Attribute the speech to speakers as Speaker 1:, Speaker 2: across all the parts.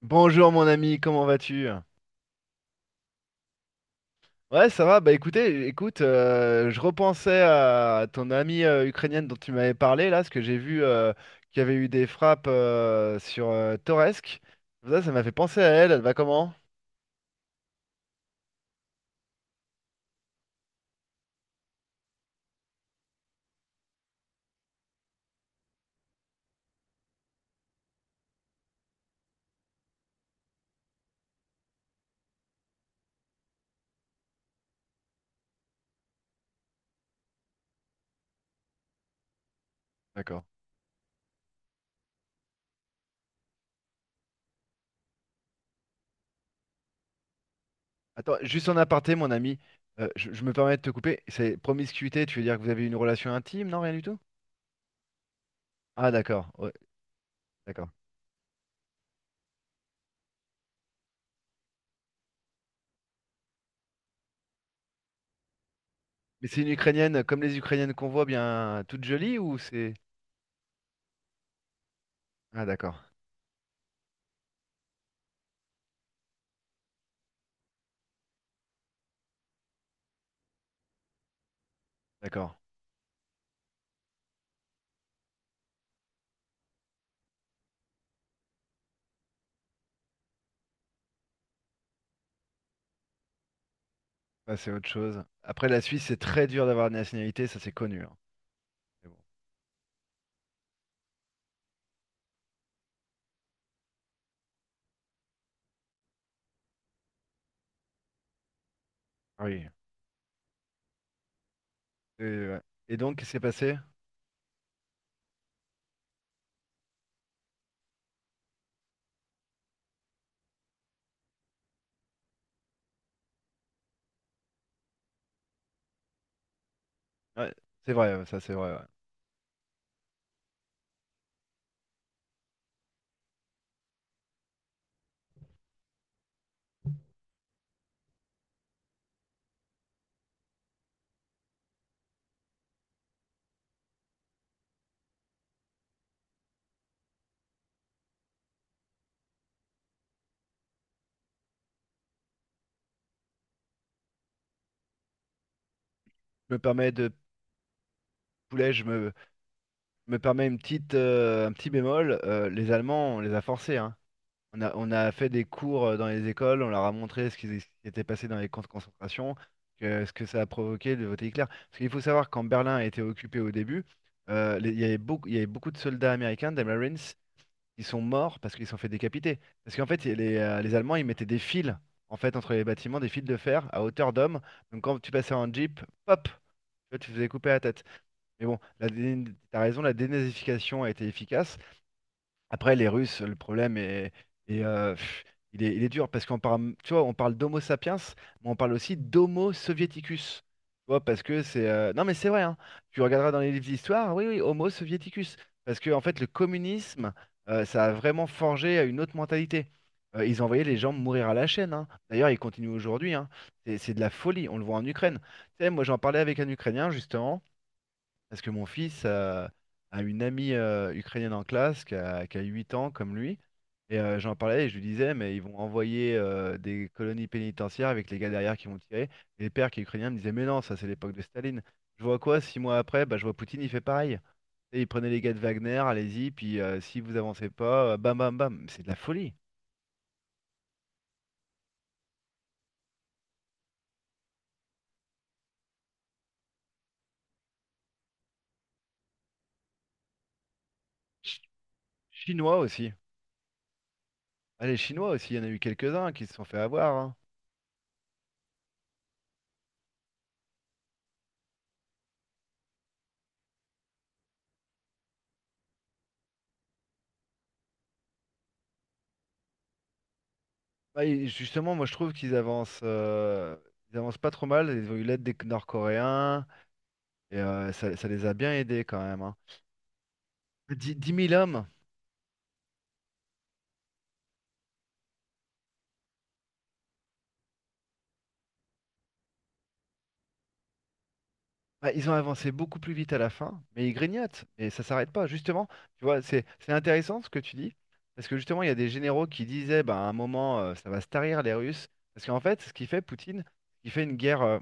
Speaker 1: Bonjour mon ami, comment vas-tu? Ouais, ça va. Bah écoute, je repensais à ton amie ukrainienne dont tu m'avais parlé là, parce que j'ai vu qu'il y avait eu des frappes sur Toretsk. Ça m'a fait penser à elle. Elle va comment? D'accord. Attends, juste en aparté, mon ami, je me permets de te couper. C'est promiscuité, tu veux dire que vous avez une relation intime? Non, rien du tout? Ah d'accord, ouais, d'accord. Mais c'est une Ukrainienne comme les Ukrainiennes qu'on voit bien, toute jolie ou c'est... Ah d'accord, d'accord. Ah, c'est autre chose. Après, la Suisse, c'est très dur d'avoir une nationalité, ça c'est connu, hein. Mais bon. Ah oui. Et, ouais. Et donc, qu'est-ce qui s'est passé? Ouais, c'est vrai, ouais, ça c'est vrai, ouais. Je me permets de poulet, je me permets une petite, un petit bémol. Les Allemands, on les a forcés, hein. On a fait des cours dans les écoles, on leur a montré ce qui était passé dans les camps de concentration, ce que ça a provoqué de voter Hitler. Parce qu'il faut savoir quand Berlin a été occupé au début, il y avait beaucoup, il y avait beaucoup de soldats américains, des Marines, ils sont morts parce qu'ils se sont fait décapiter. Parce qu'en fait, les Allemands, ils mettaient des fils en fait entre les bâtiments, des fils de fer à hauteur d'homme. Donc quand tu passais en Jeep, pop, tu vois, tu te faisais couper la tête. Mais bon, t'as raison, la dénazification a été efficace. Après, les Russes, le problème est, est, pff, il est dur parce qu'on parle, tu vois, on parle d'Homo sapiens, mais on parle aussi d'Homo soviéticus. Tu vois, parce que c'est. Non, mais c'est vrai, hein. Tu regarderas dans les livres d'histoire, oui, oui, Homo soviéticus. Parce que, en fait, le communisme, ça a vraiment forgé une autre mentalité. Ils envoyaient les gens mourir à la chaîne, hein. D'ailleurs, ils continuent aujourd'hui, hein. C'est de la folie. On le voit en Ukraine. Tu sais, moi, j'en parlais avec un Ukrainien, justement. Parce que mon fils a une amie ukrainienne en classe qui a 8 ans comme lui. Et j'en parlais et je lui disais, mais ils vont envoyer des colonies pénitentiaires avec les gars derrière qui vont tirer. Et les pères qui est ukrainien me disaient, mais non, ça c'est l'époque de Staline. Je vois quoi, six mois après, bah, je vois Poutine, il fait pareil. Et il prenait les gars de Wagner, allez-y, puis si vous avancez pas, bam bam bam. C'est de la folie. Ch- Chinois aussi. Ah, les Chinois aussi, il y en a eu quelques-uns qui se sont fait avoir, hein. Bah, et justement, moi je trouve qu'ils avancent pas trop mal. Ils ont eu l'aide des Nord-Coréens et ça les a bien aidés quand même, hein. 10 000 hommes, bah, ils ont avancé beaucoup plus vite à la fin, mais ils grignotent et ça s'arrête pas. Justement, tu vois, c'est intéressant ce que tu dis parce que justement, il y a des généraux qui disaient bah, à un moment ça va se tarir les Russes parce qu'en fait, ce qu'il fait Poutine, il fait une guerre.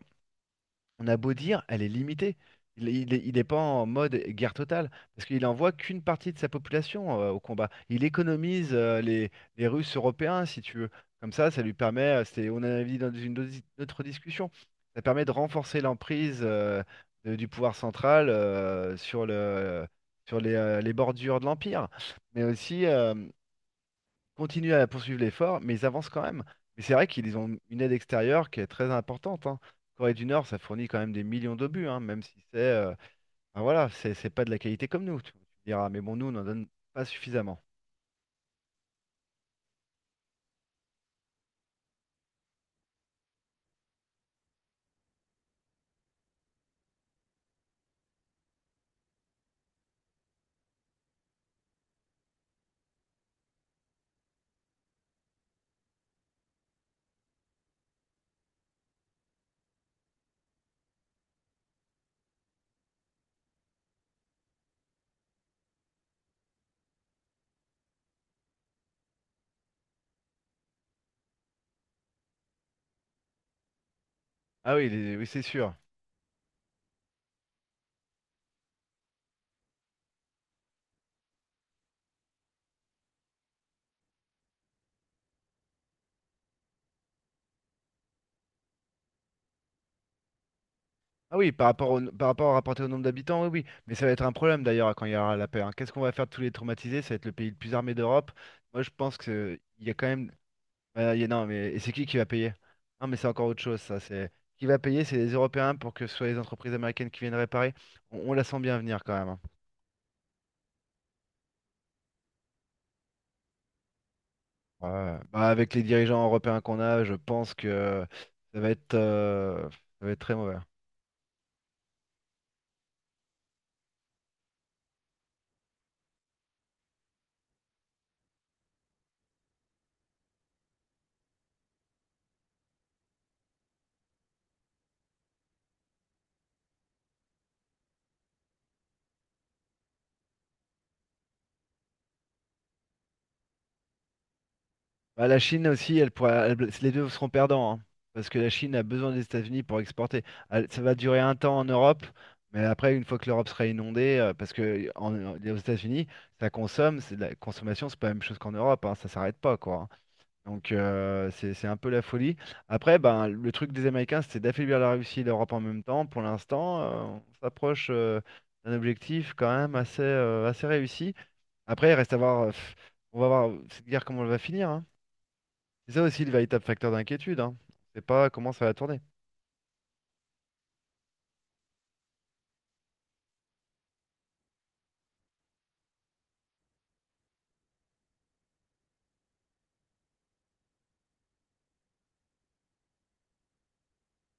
Speaker 1: On a beau dire, elle est limitée. Il est pas en mode guerre totale, parce qu'il envoie qu'une partie de sa population au combat. Il économise les Russes européens, si tu veux. Comme ça lui permet, c'est, on a dit dans une autre discussion, ça permet de renforcer l'emprise du pouvoir central sur les bordures de l'Empire. Mais aussi, continuent à poursuivre l'effort, mais ils avancent quand même. Mais c'est vrai qu'ils ont une aide extérieure qui est très importante, hein. Corée du Nord, ça fournit quand même des millions d'obus, hein, même si c'est ben voilà, c'est pas de la qualité comme nous, tu me diras. Mais bon, nous, on n'en donne pas suffisamment. Ah oui, oui, c'est sûr. Ah oui, par rapport au, par rapport à rapporté au nombre d'habitants, oui, oui. Mais ça va être un problème d'ailleurs quand il y aura la paix, hein. Qu'est-ce qu'on va faire de tous les traumatisés? Ça va être le pays le plus armé d'Europe. Moi, je pense qu'il y a quand même... Ouais, non, mais et c'est qui va payer? Non, mais c'est encore autre chose, ça. C'est qui va payer, c'est les Européens pour que ce soit les entreprises américaines qui viennent réparer. On la sent bien venir quand même, hein. Ouais. Bah, avec les dirigeants européens qu'on a, je pense que ça va être, euh, ça va être très mauvais, hein. Bah, la Chine aussi, les deux seront perdants, hein, parce que la Chine a besoin des États-Unis pour exporter. Ça va durer un temps en Europe, mais après, une fois que l'Europe sera inondée, parce que en- en- aux États-Unis, ça consomme, c'est de la consommation, c'est pas la même chose qu'en Europe, hein, ça s'arrête pas, quoi, hein. Donc c'est un peu la folie. Après, ben, le truc des Américains, c'est d'affaiblir la Russie et l'Europe en même temps. Pour l'instant, on s'approche d'un objectif quand même assez, assez réussi. Après, il reste à voir, pff, on va voir cette guerre comment elle va finir, hein. C'est ça aussi le véritable facteur d'inquiétude, hein. On sait pas comment ça va tourner.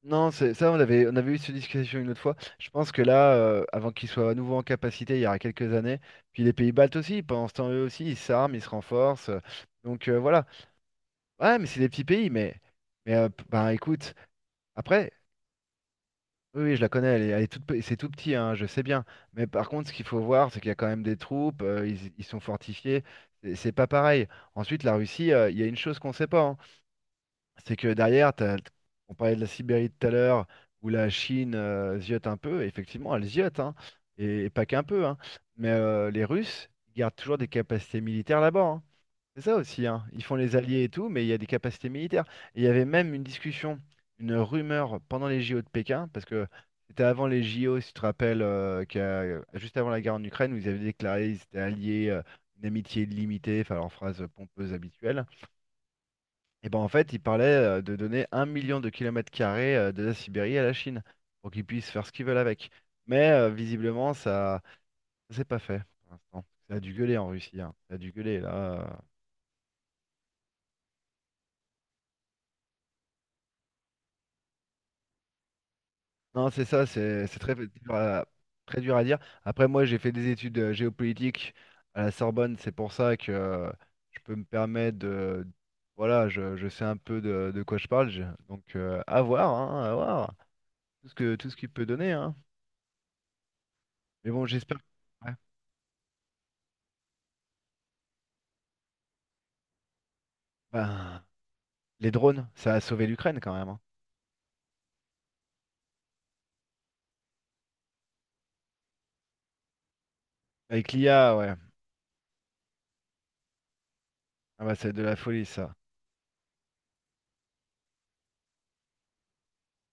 Speaker 1: Non, c'est ça, on avait eu cette discussion une autre fois. Je pense que là, avant qu'ils soient à nouveau en capacité, il y aura quelques années, puis les pays baltes aussi, pendant ce temps, eux aussi, ils s'arment, ils se renforcent. Donc voilà. Ouais, mais c'est des petits pays, mais bah, écoute, après, oui, oui, je la connais, elle est toute, c'est tout petit, hein, je sais bien. Mais par contre, ce qu'il faut voir, c'est qu'il y a quand même des troupes, ils sont fortifiés, c'est pas pareil. Ensuite, la Russie, il y a une chose qu'on sait pas, hein, c'est que derrière, on parlait de la Sibérie tout à l'heure, où la Chine ziote un peu, et effectivement, elle ziote, hein, et pas qu'un peu, hein. Mais les Russes ils gardent toujours des capacités militaires là-bas, hein. C'est ça aussi, hein. Ils font les alliés et tout, mais il y a des capacités militaires. Et il y avait même une discussion, une rumeur pendant les JO de Pékin, parce que c'était avant les JO, si tu te rappelles, juste avant la guerre en Ukraine, où ils avaient déclaré qu'ils étaient alliés, une amitié illimitée, enfin leur phrase pompeuse habituelle. Et ben en fait, ils parlaient de donner un million de kilomètres carrés de la Sibérie à la Chine, pour qu'ils puissent faire ce qu'ils veulent avec. Mais visiblement, ça s'est pas fait pour l'instant. Ça a dû gueuler en Russie, hein. Ça a dû gueuler là. Euh. Non, c'est ça, c'est très dur à dire. Après, moi, j'ai fait des études géopolitiques à la Sorbonne, c'est pour ça que je peux me permettre de... Voilà, je sais un peu de quoi je parle, donc à voir, hein, à voir, tout ce qu'il peut donner, hein. Mais bon, j'espère... Ouais. Ben, les drones, ça a sauvé l'Ukraine quand même, hein. Avec l'IA, ouais. Ah bah, c'est de la folie, ça.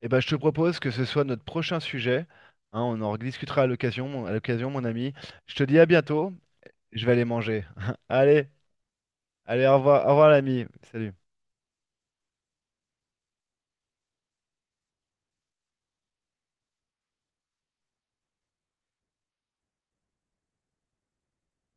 Speaker 1: Et ben, je te propose que ce soit notre prochain sujet, hein, on en rediscutera à l'occasion, mon ami. Je te dis à bientôt. Je vais aller manger. Allez, allez, au revoir l'ami. Salut.